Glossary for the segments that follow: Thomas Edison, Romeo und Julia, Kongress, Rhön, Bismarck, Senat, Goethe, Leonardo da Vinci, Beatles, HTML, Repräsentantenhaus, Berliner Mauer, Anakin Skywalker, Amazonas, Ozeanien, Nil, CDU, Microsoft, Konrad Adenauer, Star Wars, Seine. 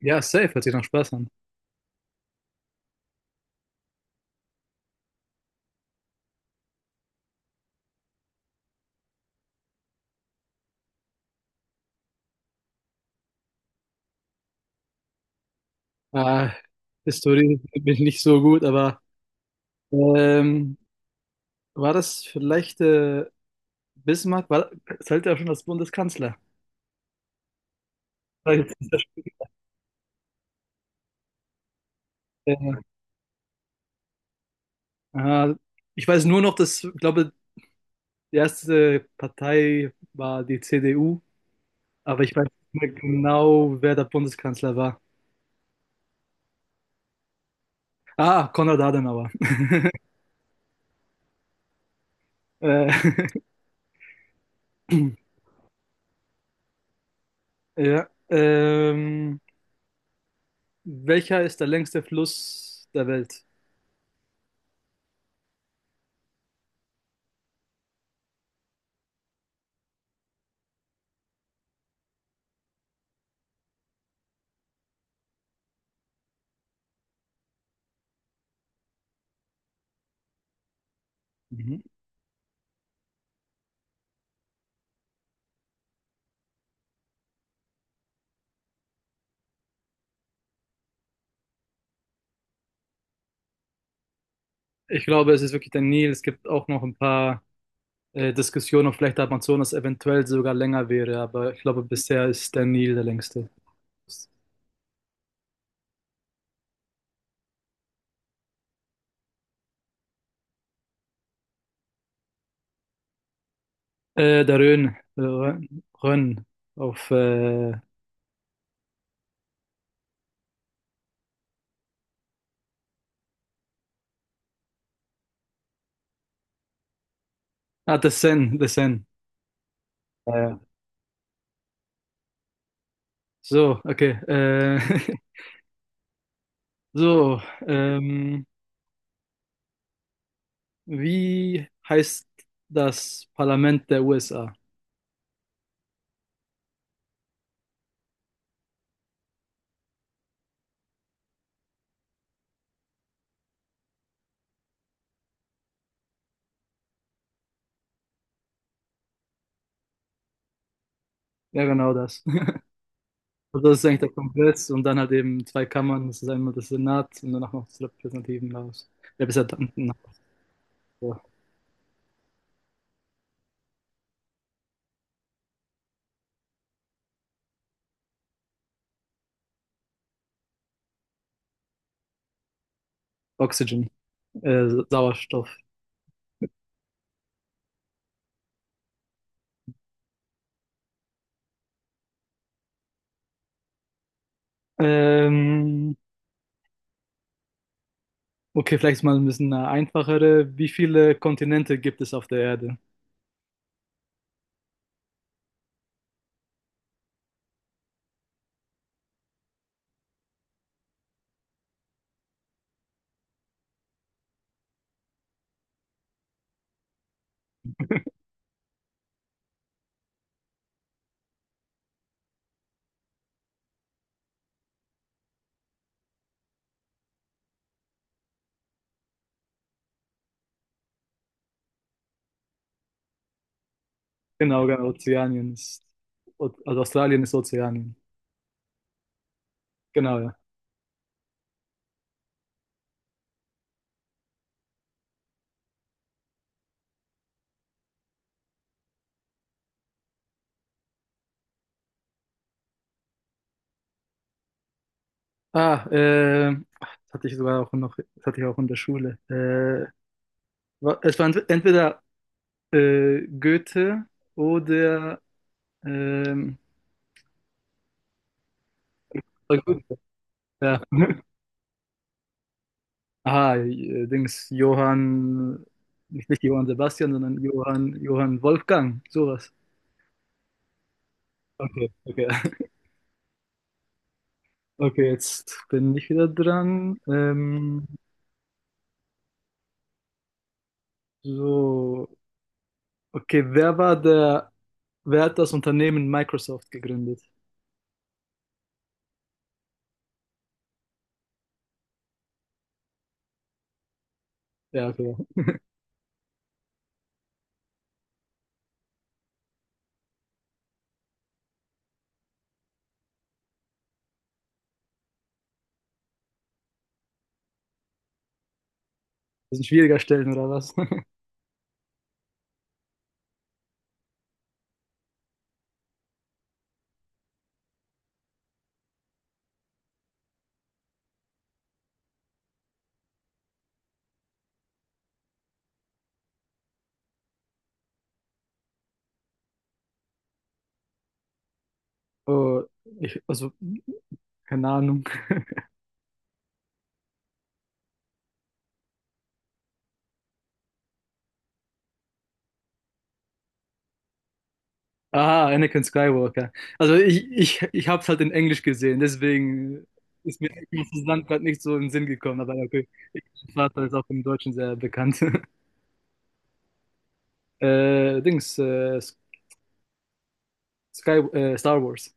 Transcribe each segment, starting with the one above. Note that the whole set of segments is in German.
Ja, safe, hört sich nach Spaß an. Ah, Historie bin ich nicht so gut, aber ähm, war das vielleicht Bismarck? War, zählt ja schon als Bundeskanzler. Vielleicht ist das- äh, ah, Ich weiß nur noch, dass, ich glaube, die erste Partei war die CDU, aber ich weiß nicht mehr genau, wer der Bundeskanzler war. Ah, Konrad Adenauer. Äh, ja, welcher ist der längste Fluss der Welt? Mhm. Ich glaube, es ist wirklich der Nil. Es gibt auch noch ein paar Diskussionen, ob vielleicht der Amazonas eventuell sogar länger wäre, aber ich glaube, bisher ist der Nil der längste. Der Rhön, Rhön, Rhön auf, Ah, der Seine, der Seine. Ja, ja. So, okay. So, ähm, wie heißt das Parlament der USA? Ja, genau das. Also, das ist eigentlich der Kongress und dann halt eben zwei Kammern, das ist einmal das Senat und danach noch das Repräsentativenhaus. Repräsentantenhaus. Ja. Oxygen, Sauerstoff. Ähm, okay, vielleicht mal ein bisschen eine einfachere. Wie viele Kontinente gibt es auf der Erde? Genau, genau, also Australien ist Ozeanien. Genau, ja. Ah, äh, Das hatte ich sogar auch noch, das hatte ich auch in der Schule. Es war entweder Goethe oder, ähm, oder Goethe, ja. Dings, Johann, nicht, nicht Johann Sebastian, sondern Johann Wolfgang, sowas. Okay, okay. Okay, jetzt bin ich wieder dran. So, okay, wer hat das Unternehmen Microsoft gegründet? Ja, okay. Das ist ein schwieriger Stellen, oder was? Oh, ich, also, keine Ahnung. Ah, Anakin Skywalker. Ich habe es halt in Englisch gesehen, deswegen ist mir das Land gerade nicht so in den Sinn gekommen, aber ja, okay. Mein Vater ist auch im Deutschen sehr bekannt. Äh, Dings, äh, Star Wars.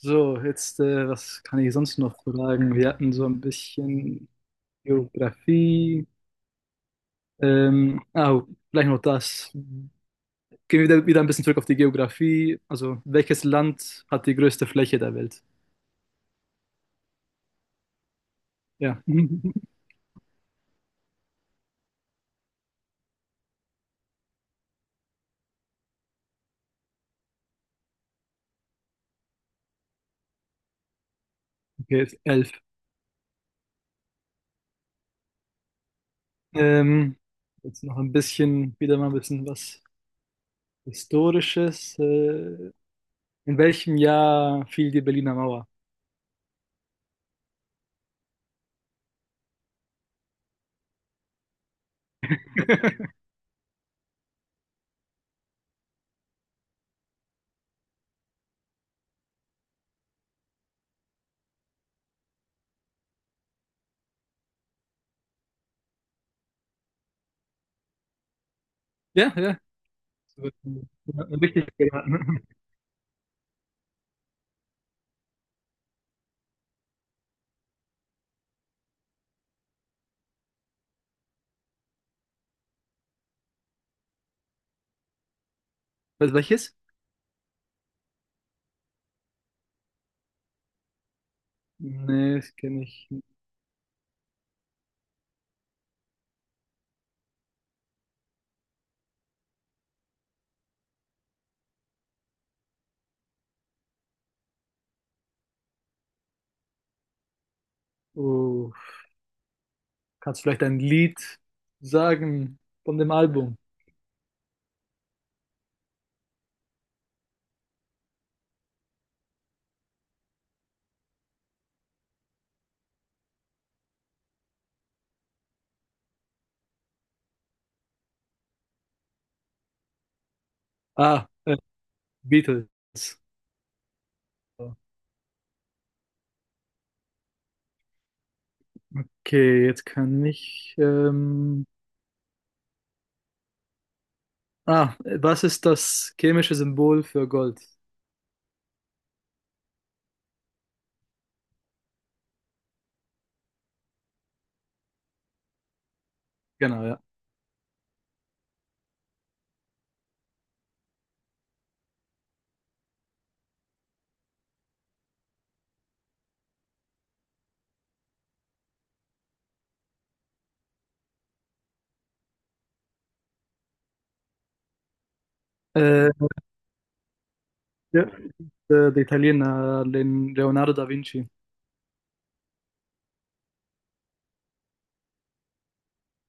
So, jetzt, was kann ich sonst noch fragen? Wir hatten so ein bisschen Geografie. Oh, Gleich noch das. Wieder ein bisschen zurück auf die Geografie. Also, welches Land hat die größte Fläche der Welt? Ja, okay, elf. Ähm, jetzt noch ein bisschen, wieder mal ein bisschen was Historisches. In welchem Jahr fiel die Berliner Mauer? Ja, ja. Das wird ein- ein Richtig geraten. Was, welches? Nee, das kenne ich nicht. Oh, kannst du vielleicht ein Lied sagen von dem Album? Ah, äh, Beatles. Okay, jetzt kann ich. Was ist das chemische Symbol für Gold? Genau, ja. Äh, ja. Der Italiener Leonardo da Vinci.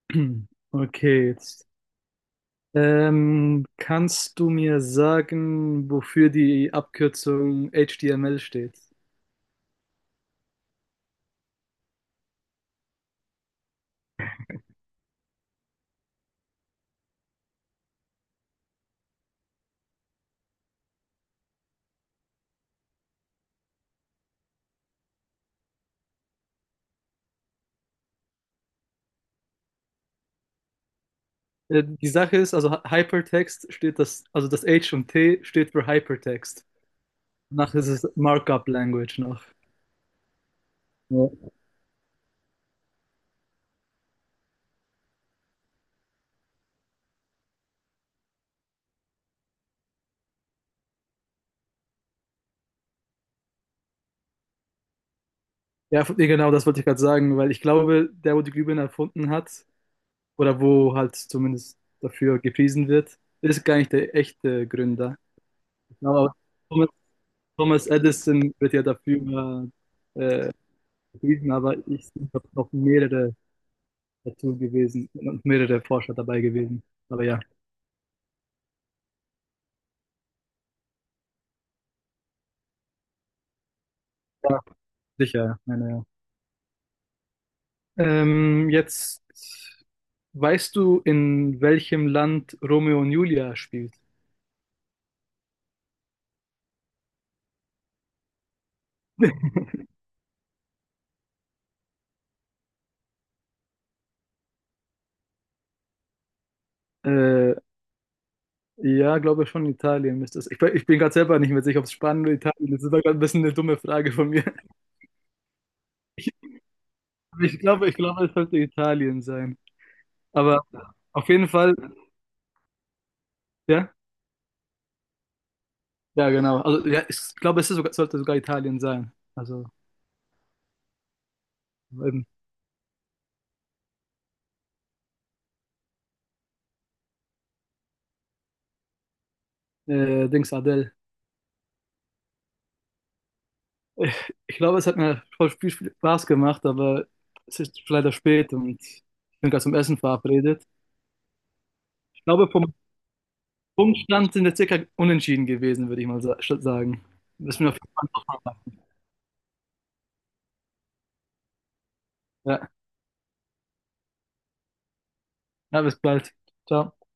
Okay, jetzt. Kannst du mir sagen, wofür die Abkürzung HTML steht? Die Sache ist, also Hypertext steht das, also das H und T steht für Hypertext. Danach ist es Markup Language noch. Ja, ja nee, genau, das wollte ich gerade sagen, weil ich glaube, der, wo die Glühbirne erfunden hat, oder wo halt zumindest dafür gepriesen wird, ist gar nicht der echte Gründer. Ich glaube, Thomas Edison wird ja dafür äh, gepriesen, aber ich habe noch mehrere dazu gewesen und mehrere Forscher dabei gewesen. Aber ja, ja sicher. Meine, ja. Jetzt weißt du, in welchem Land Romeo und Julia spielt? Äh, ja, glaube schon Italien müsste es. Ich bin gerade selber nicht mehr sicher, ob es Spanien oder Italien ist. Das war gerade ein bisschen eine dumme Frage von mir. Ich, ich glaube, es sollte Italien sein. Aber auf jeden Fall, ja. Ja, genau. Also, ja, ich glaube, es ist sogar, sollte sogar Italien sein. Also, eben, Dings Adele. Ich, ich glaube, es hat mir voll viel Spaß gemacht, aber es ist leider spät und ich bin gerade zum Essen verabredet. Ich glaube, vom Punktstand sind wir circa unentschieden gewesen, würde ich mal sagen. Bis mir auf jeden Fall. Ja, ja, bis bald. Ciao.